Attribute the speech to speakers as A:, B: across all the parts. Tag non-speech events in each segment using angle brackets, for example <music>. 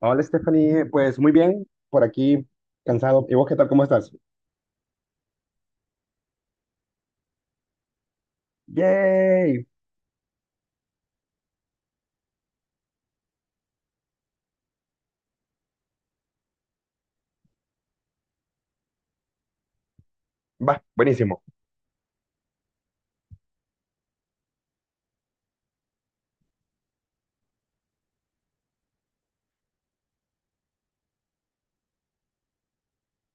A: Hola Stephanie, pues muy bien, por aquí cansado. ¿Y vos qué tal? ¿Cómo estás? ¡Yay! Va, buenísimo.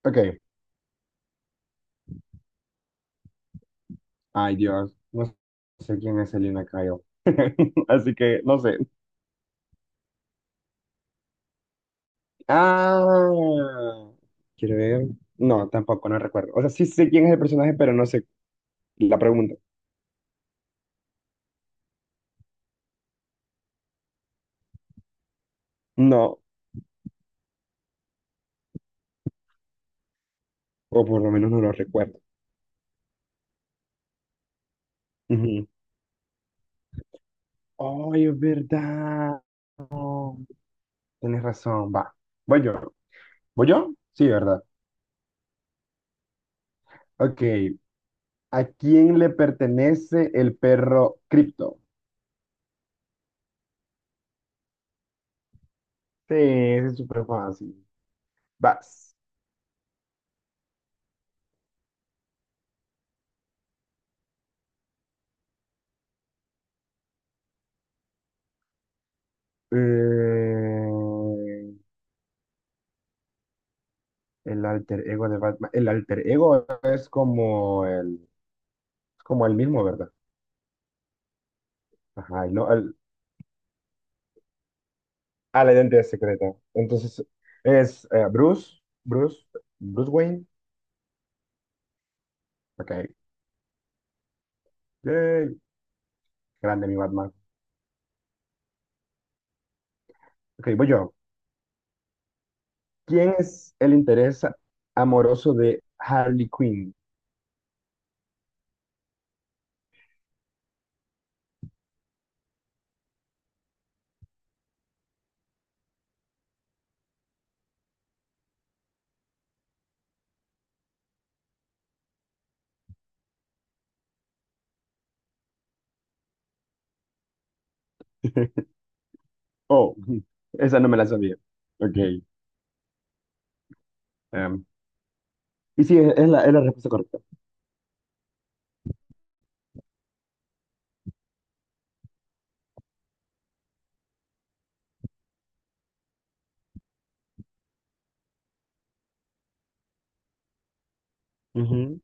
A: Ok. Ay Dios, no sé quién es Selena Kyle. <laughs> Así que no sé. Ah, quiero ver. No, tampoco, no recuerdo. O sea, sí sé quién es el personaje, pero no sé la pregunta. No, o por lo menos no lo recuerdo. Ujú. Ay, es verdad. Tienes razón, va. Voy yo. ¿Voy yo? Sí, ¿verdad? Ok. ¿A quién le pertenece el perro Crypto? Sí, ese es súper fácil. Vas. Eh, el alter ego de Batman. El alter ego es como el mismo, ¿verdad? Ajá, y no, la identidad secreta. Entonces, es Bruce, Bruce Wayne. Ok. Yay. Grande mi Batman. Ok, voy yo. ¿Quién es el interés amoroso de Harley Quinn? <laughs> Oh, <laughs> ujú. Esa no me la sabía. Ok. em, y sí, es la respuesta correcta. Ujú.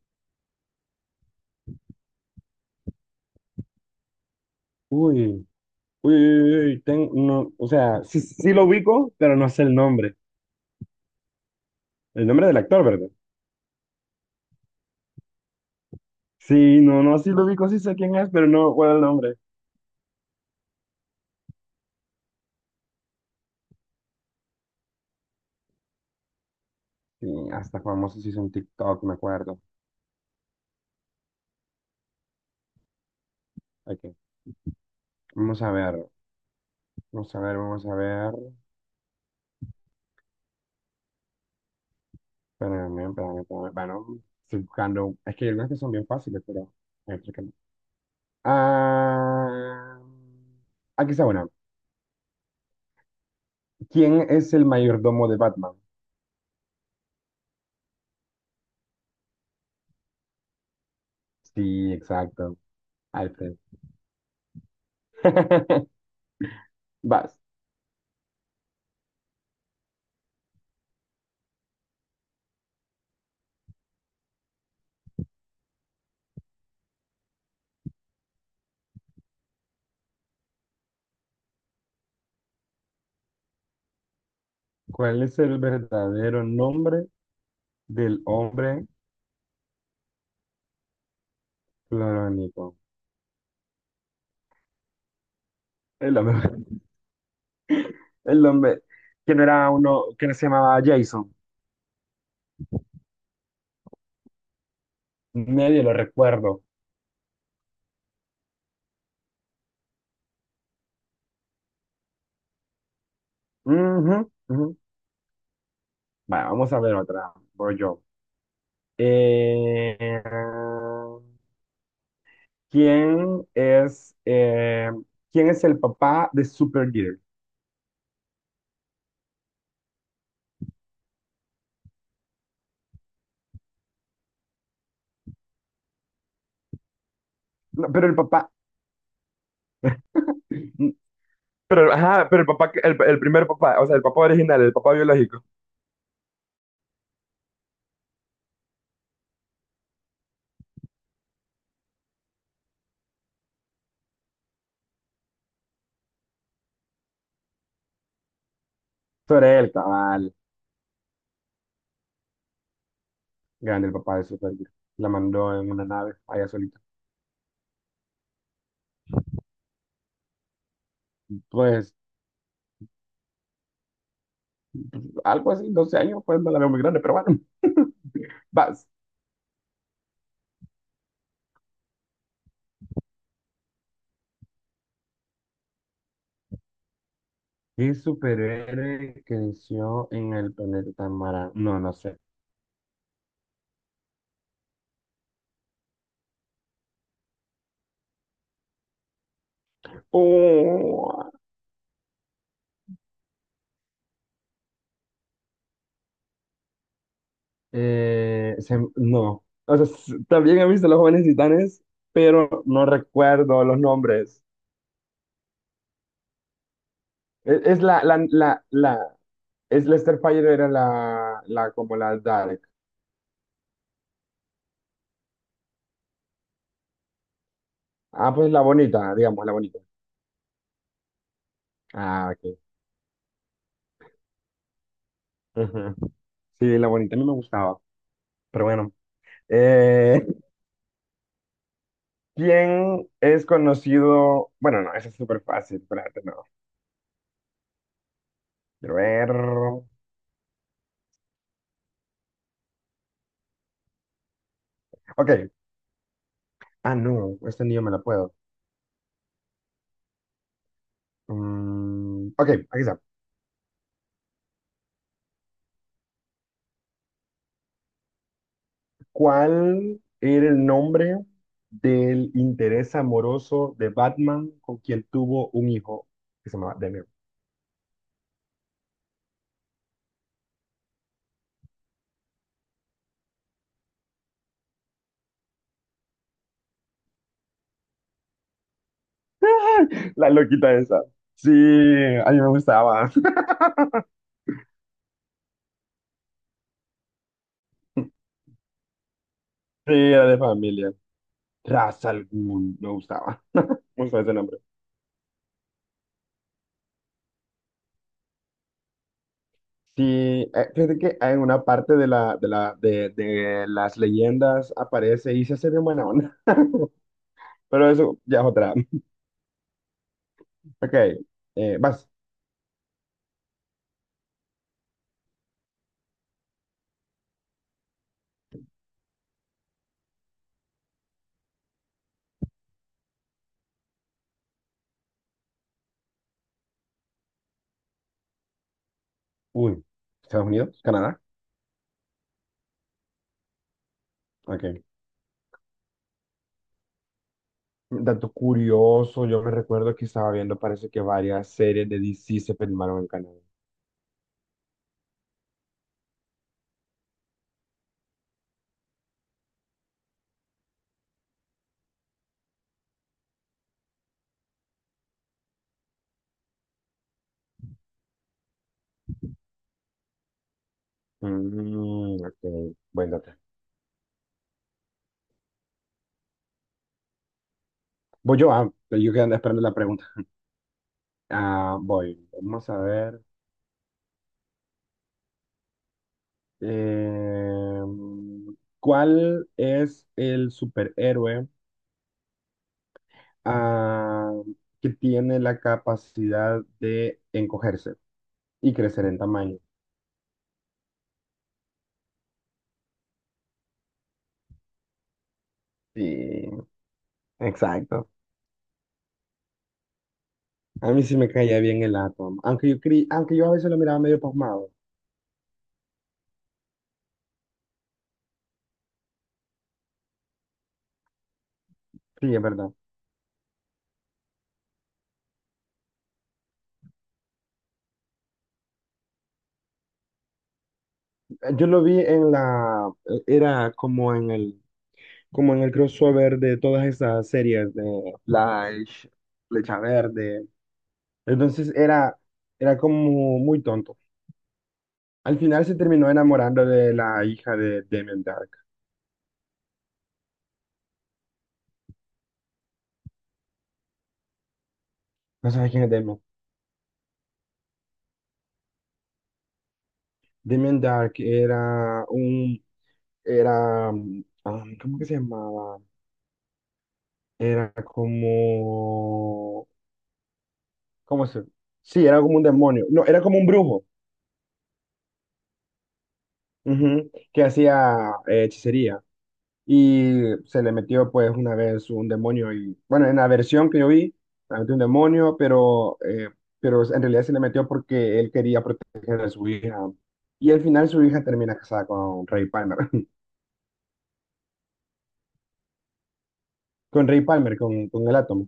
A: Uy, uy, uy, uy, no, o sea, sí, sí lo ubico, pero no sé el nombre. El nombre del actor, ¿verdad? Sí, no, no, sí lo ubico, sí sé quién es, pero no recuerdo el nombre. Sí, hasta famoso se hizo en TikTok, me acuerdo. Aquí. Vamos a ver, vamos a ver, vamos a ver. Espérame, espérame, espérame. Bueno, estoy buscando. Es que hay algunas que son bien fáciles, pero, a ver, chécame. Ah, aquí está una. ¿Quién es el mayordomo de Batman? Sí, exacto. Alfred. <laughs> Vas. ¿Cuál es el verdadero nombre del hombre clorónico? El hombre. <laughs> El hombre. Que no era uno que no se llamaba Jason. Medio lo recuerdo. Ujú, ujú. Vale, vamos a ver otra. Voy yo. Eh, ¿quién es, eh, quién es el papá de Supergirl? No, pero el papá. Pero, ajá, pero el papá, el primer papá, o sea, el papá original, el papá biológico. Sobre él, cabal. Grande el papá de Supergirl. La mandó en una nave allá solita. Pues algo así, 12 años, pues no la veo muy grande, pero bueno, <laughs> vas. ¿Qué superhéroe creció en el planeta Mara? No, no sé. No, o sea, también he visto Los Jóvenes Titanes, pero no recuerdo los nombres. Es la, es Lester Fire era la, como la Dark. Ah, pues la bonita, digamos, la bonita. Ah, ok. Ujú. Sí, la bonita a mí me gustaba, pero bueno. Eh, <laughs> ¿Quién es conocido? Bueno, no, esa es súper fácil, espérate, no. Quiero ver. Ok, no, esta ni yo me la puedo. Ok, aquí está. ¿Cuál era el nombre del interés amoroso de Batman con quien tuvo un hijo que se llamaba Damian? <laughs> La loquita esa. Sí, a mí me gustaba. <laughs> Sí, era de familia. Ra's al Ghul, me gustaba. Me gustaba ese nombre. Sí, fíjate que en una parte de las leyendas aparece y se hace bien buena onda. Pero eso ya es otra. Ok, vas. Uy, Estados Unidos, Canadá. Ok. Dato curioso, yo me recuerdo que estaba viendo, parece que varias series de DC se filmaron en Canadá. Ok, buen dato. Voy yo, yo quedando esperando la pregunta. Ah, vamos a ver. eh, ¿Cuál es el superhéroe ah, que tiene la capacidad de encogerse y crecer en tamaño? Sí, exacto. A mí sí me caía bien el Atom, aunque yo, aunque yo a veces lo miraba medio pasmado. Sí, es verdad. Yo lo vi en la, era como en el crossover de todas esas series de Flash, Flecha Verde. Entonces era como muy tonto. Al final se terminó enamorando de la hija de Damien Dark. No sabes quién es Damien. Damien Dark era un, era, um, ¿cómo que se llamaba? Era como, ¿cómo se? Sí, era como un demonio. No, era como un brujo. Ujú, que hacía hechicería y se le metió pues una vez un demonio y bueno, en la versión que yo vi, se le metió un demonio, pero, pero en realidad se le metió porque él quería proteger a su hija y al final su hija termina casada con Ray Palmer, <laughs> con Ray Palmer, con el átomo.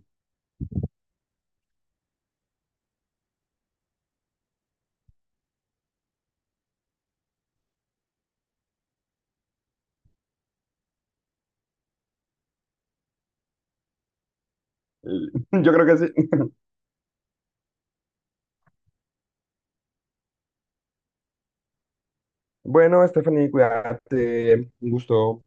A: El- <laughs> Yo creo que sí. Bueno, Stephanie, cuídate, un gusto.